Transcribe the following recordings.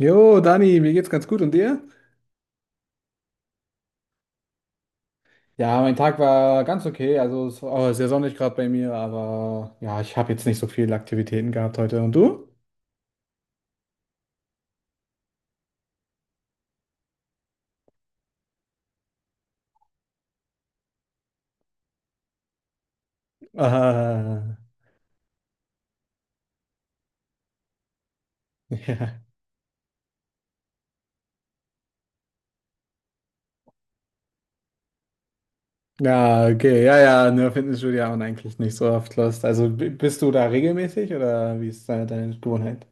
Jo, Dani, mir geht's ganz gut und dir? Ja, mein Tag war ganz okay. Also es war sehr sonnig gerade bei mir, aber ja, ich habe jetzt nicht so viele Aktivitäten gehabt heute. Und du? Ah, ja. Ja, okay, ja, ja, nur Fitnessstudio haben eigentlich nicht so oft Lust. Also bist du da regelmäßig oder wie ist deine Gewohnheit?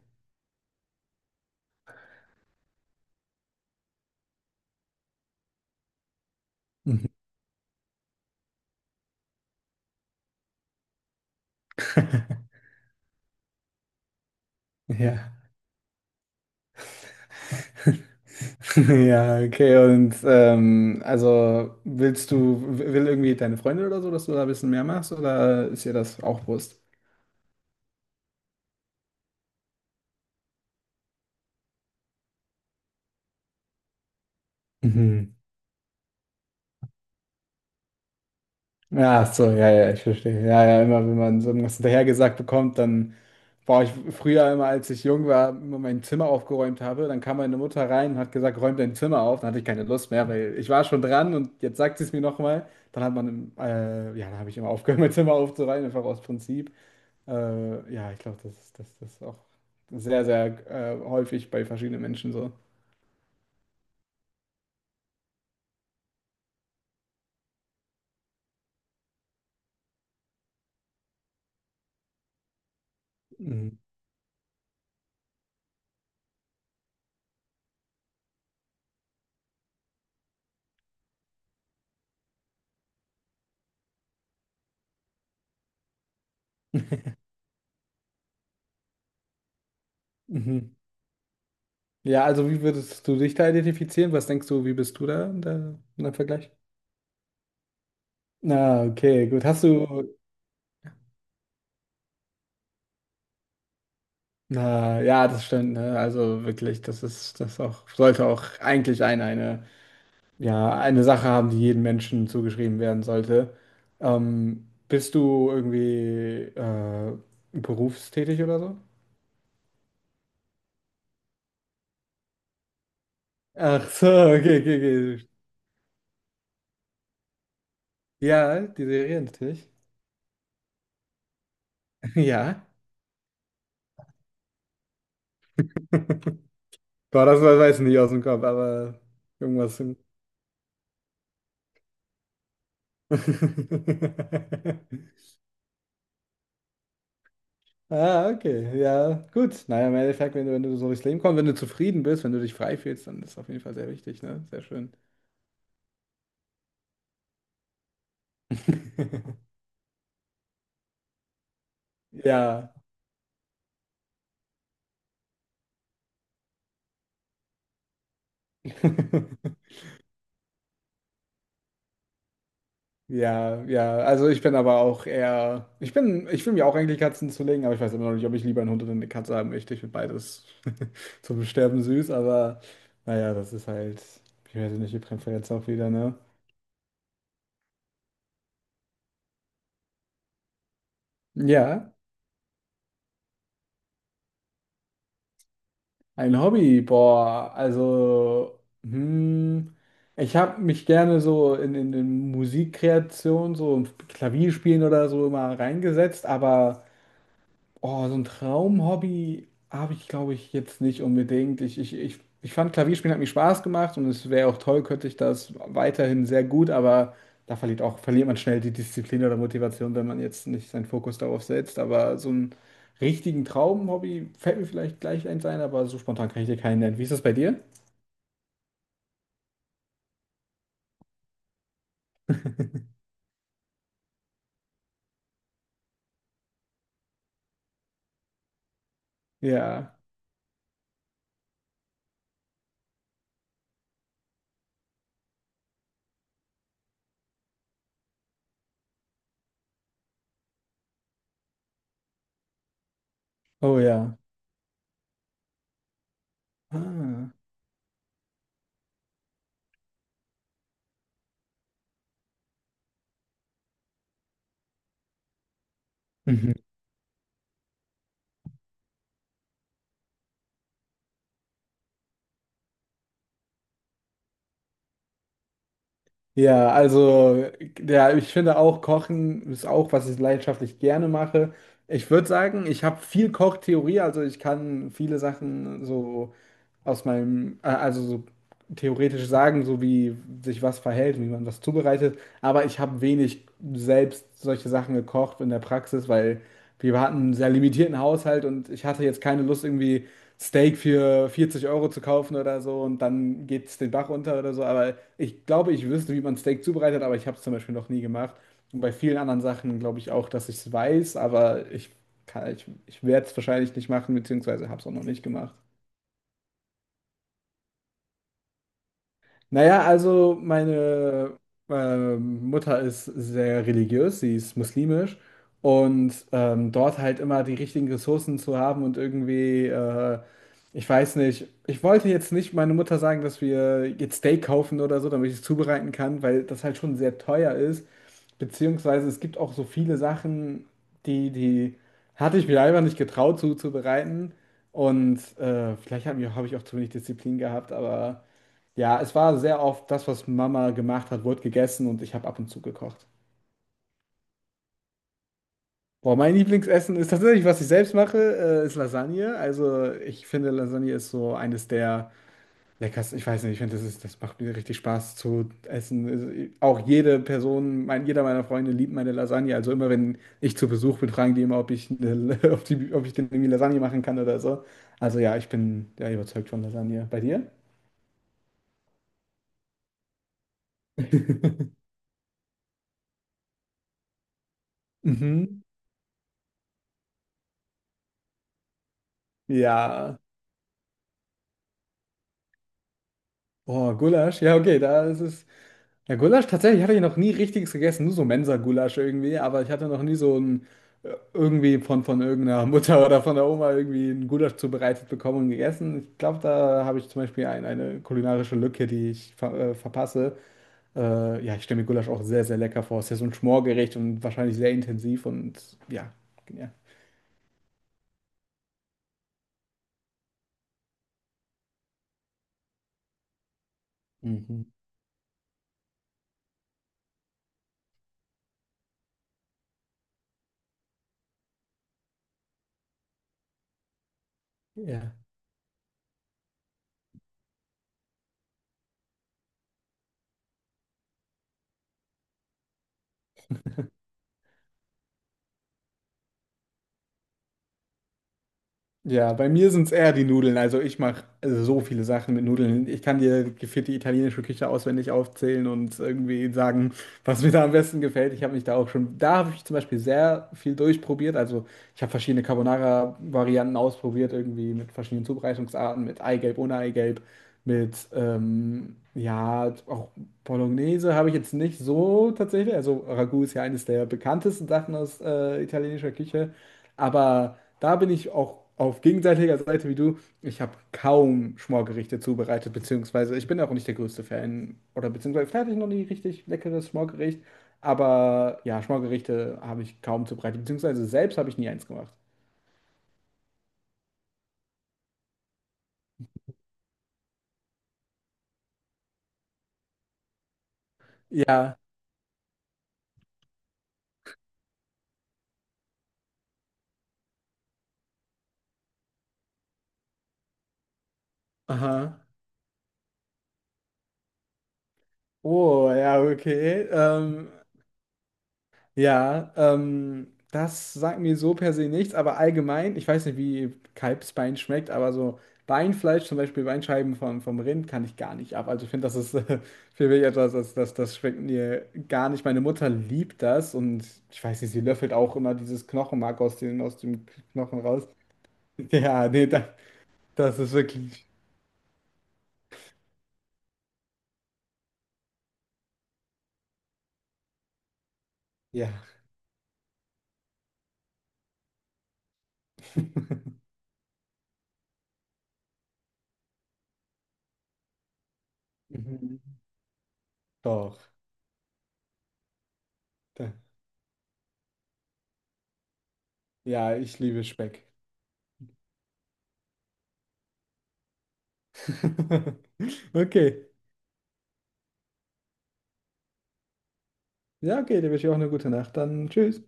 Mhm. Ja. Ja, okay, und also willst du, will irgendwie deine Freundin oder so, dass du da ein bisschen mehr machst oder ist ihr das auch bewusst? Mhm. Ja, ach so, ja, ja, ich verstehe. Ja, ja, immer wenn man so irgendwas hinterhergesagt bekommt, dann war ich früher immer, als ich jung war, immer mein Zimmer aufgeräumt habe, dann kam meine Mutter rein und hat gesagt, räum dein Zimmer auf. Dann hatte ich keine Lust mehr, weil ich war schon dran und jetzt sagt sie es mir nochmal. Dann hat man, ja, dann habe ich immer aufgehört, mein Zimmer aufzuräumen, einfach aus Prinzip. Ja, ich glaube, das ist auch sehr, sehr häufig bei verschiedenen Menschen so. Mhm. Mhm. Ja, also wie würdest du dich da identifizieren? Was denkst du, wie bist du da in dem Vergleich? Na, okay, gut. Hast du, na, ja, das stimmt, ne? Also wirklich, das auch, sollte auch eigentlich eine, ja, eine Sache haben, die jedem Menschen zugeschrieben werden sollte. Bist du irgendwie berufstätig oder so? Ach so, okay, okay, okay. Ja, die Serie natürlich. Ja. Boah, das weiß ich nicht aus dem Kopf, aber irgendwas. Ah, okay. Ja, gut. Naja, im Endeffekt, wenn du so durchs Leben kommst, wenn du zufrieden bist, wenn du dich frei fühlst, dann ist das auf jeden Fall sehr wichtig, ne? Sehr schön. Ja. Ja, ja. Also ich bin aber auch eher. Ich will mir auch eigentlich Katzen zulegen, aber ich weiß immer noch nicht, ob ich lieber einen Hund oder eine Katze haben möchte. Ich finde beides zum Sterben süß, aber naja, das ist halt, ich weiß nicht, die Präferenz auch wieder, ne? Ja. Ein Hobby, boah, also, hm, ich habe mich gerne so in Musikkreation, so im Klavierspielen oder so immer reingesetzt, aber oh, so ein Traumhobby habe ich, glaube ich, jetzt nicht unbedingt. Ich fand Klavierspielen hat mir Spaß gemacht und es wäre auch toll, könnte ich das weiterhin sehr gut, aber da verliert auch, verliert man schnell die Disziplin oder Motivation, wenn man jetzt nicht seinen Fokus darauf setzt. Aber so einen richtigen Traumhobby fällt mir vielleicht gleich eins ein, aber so spontan kann ich dir keinen nennen. Wie ist das bei dir? Ja. Oh ja. Ah. Mhm. Ja, also, ja, ich finde auch, Kochen ist auch, was ich leidenschaftlich gerne mache. Ich würde sagen, ich habe viel Kochtheorie, also ich kann viele Sachen so aus meinem, also so theoretisch sagen, so wie sich was verhält, wie man was zubereitet. Aber ich habe wenig selbst solche Sachen gekocht in der Praxis, weil wir hatten einen sehr limitierten Haushalt und ich hatte jetzt keine Lust, irgendwie Steak für 40 € zu kaufen oder so und dann geht es den Bach runter oder so. Aber ich glaube, ich wüsste, wie man Steak zubereitet, aber ich habe es zum Beispiel noch nie gemacht. Und bei vielen anderen Sachen glaube ich auch, dass ich es weiß, aber ich werde es wahrscheinlich nicht machen, beziehungsweise habe es auch noch nicht gemacht. Naja, also meine Mutter ist sehr religiös, sie ist muslimisch und dort halt immer die richtigen Ressourcen zu haben und irgendwie, ich weiß nicht, ich wollte jetzt nicht meiner Mutter sagen, dass wir jetzt Steak kaufen oder so, damit ich es zubereiten kann, weil das halt schon sehr teuer ist, beziehungsweise es gibt auch so viele Sachen, die hatte ich mir einfach nicht getraut zuzubereiten und vielleicht hab ich auch zu wenig Disziplin gehabt, aber... Ja, es war sehr oft das, was Mama gemacht hat, wurde gegessen und ich habe ab und zu gekocht. Boah, mein Lieblingsessen ist tatsächlich, was ich selbst mache, ist Lasagne. Also ich finde, Lasagne ist so eines der leckersten. Ich weiß nicht, ich finde, das ist, das macht mir richtig Spaß zu essen. Also, auch jede Person, mein, jeder meiner Freunde liebt meine Lasagne. Also immer, wenn ich zu Besuch bin, fragen die immer, ob ich denn irgendwie Lasagne machen kann oder so. Also ja, ich bin ja überzeugt von Lasagne. Bei dir? Mhm. Ja. Boah, Gulasch. Ja, okay, da ist es. Ja, Gulasch, tatsächlich hatte ich noch nie richtiges gegessen, nur so Mensa-Gulasch irgendwie, aber ich hatte noch nie so ein irgendwie von irgendeiner Mutter oder von der Oma irgendwie ein Gulasch zubereitet bekommen und gegessen. Ich glaube, da habe ich zum Beispiel ein, eine kulinarische Lücke, die ich verpasse. Ja, ich stelle mir Gulasch auch sehr, sehr lecker vor. Es ist ja so ein Schmorgericht und wahrscheinlich sehr intensiv und ja, genial. Mhm. Ja. Ja, bei mir sind es eher die Nudeln. Also ich mache so viele Sachen mit Nudeln. Ich kann dir gefühlt die italienische Küche auswendig aufzählen und irgendwie sagen, was mir da am besten gefällt. Ich habe mich da auch schon, da habe ich zum Beispiel sehr viel durchprobiert. Also ich habe verschiedene Carbonara-Varianten ausprobiert, irgendwie mit verschiedenen Zubereitungsarten, mit Eigelb, ohne Eigelb. Mit, ja, auch Bolognese habe ich jetzt nicht so tatsächlich. Also Ragu ist ja eines der bekanntesten Sachen aus italienischer Küche. Aber da bin ich auch auf gegenseitiger Seite wie du. Ich habe kaum Schmorgerichte zubereitet, beziehungsweise ich bin auch nicht der größte Fan. Oder beziehungsweise vielleicht hatte ich noch nie richtig leckeres Schmorgericht. Aber ja, Schmorgerichte habe ich kaum zubereitet, beziehungsweise selbst habe ich nie eins gemacht. Ja, aha. Oh, ja, okay. Ja, das sagt mir so per se nichts, aber allgemein, ich weiß nicht, wie Kalbsbein schmeckt, aber so Beinfleisch, zum Beispiel Beinscheiben vom Rind, kann ich gar nicht ab. Also ich finde, das ist für mich etwas, das schmeckt mir gar nicht. Meine Mutter liebt das und ich weiß nicht, sie löffelt auch immer dieses Knochenmark aus dem Knochen raus. Ja, nee, das, das ist wirklich, ja. Mhm. Doch. Da- Ja, ich liebe Speck. Okay. Ja, okay, dir wünsche ich auch eine gute Nacht. Dann tschüss.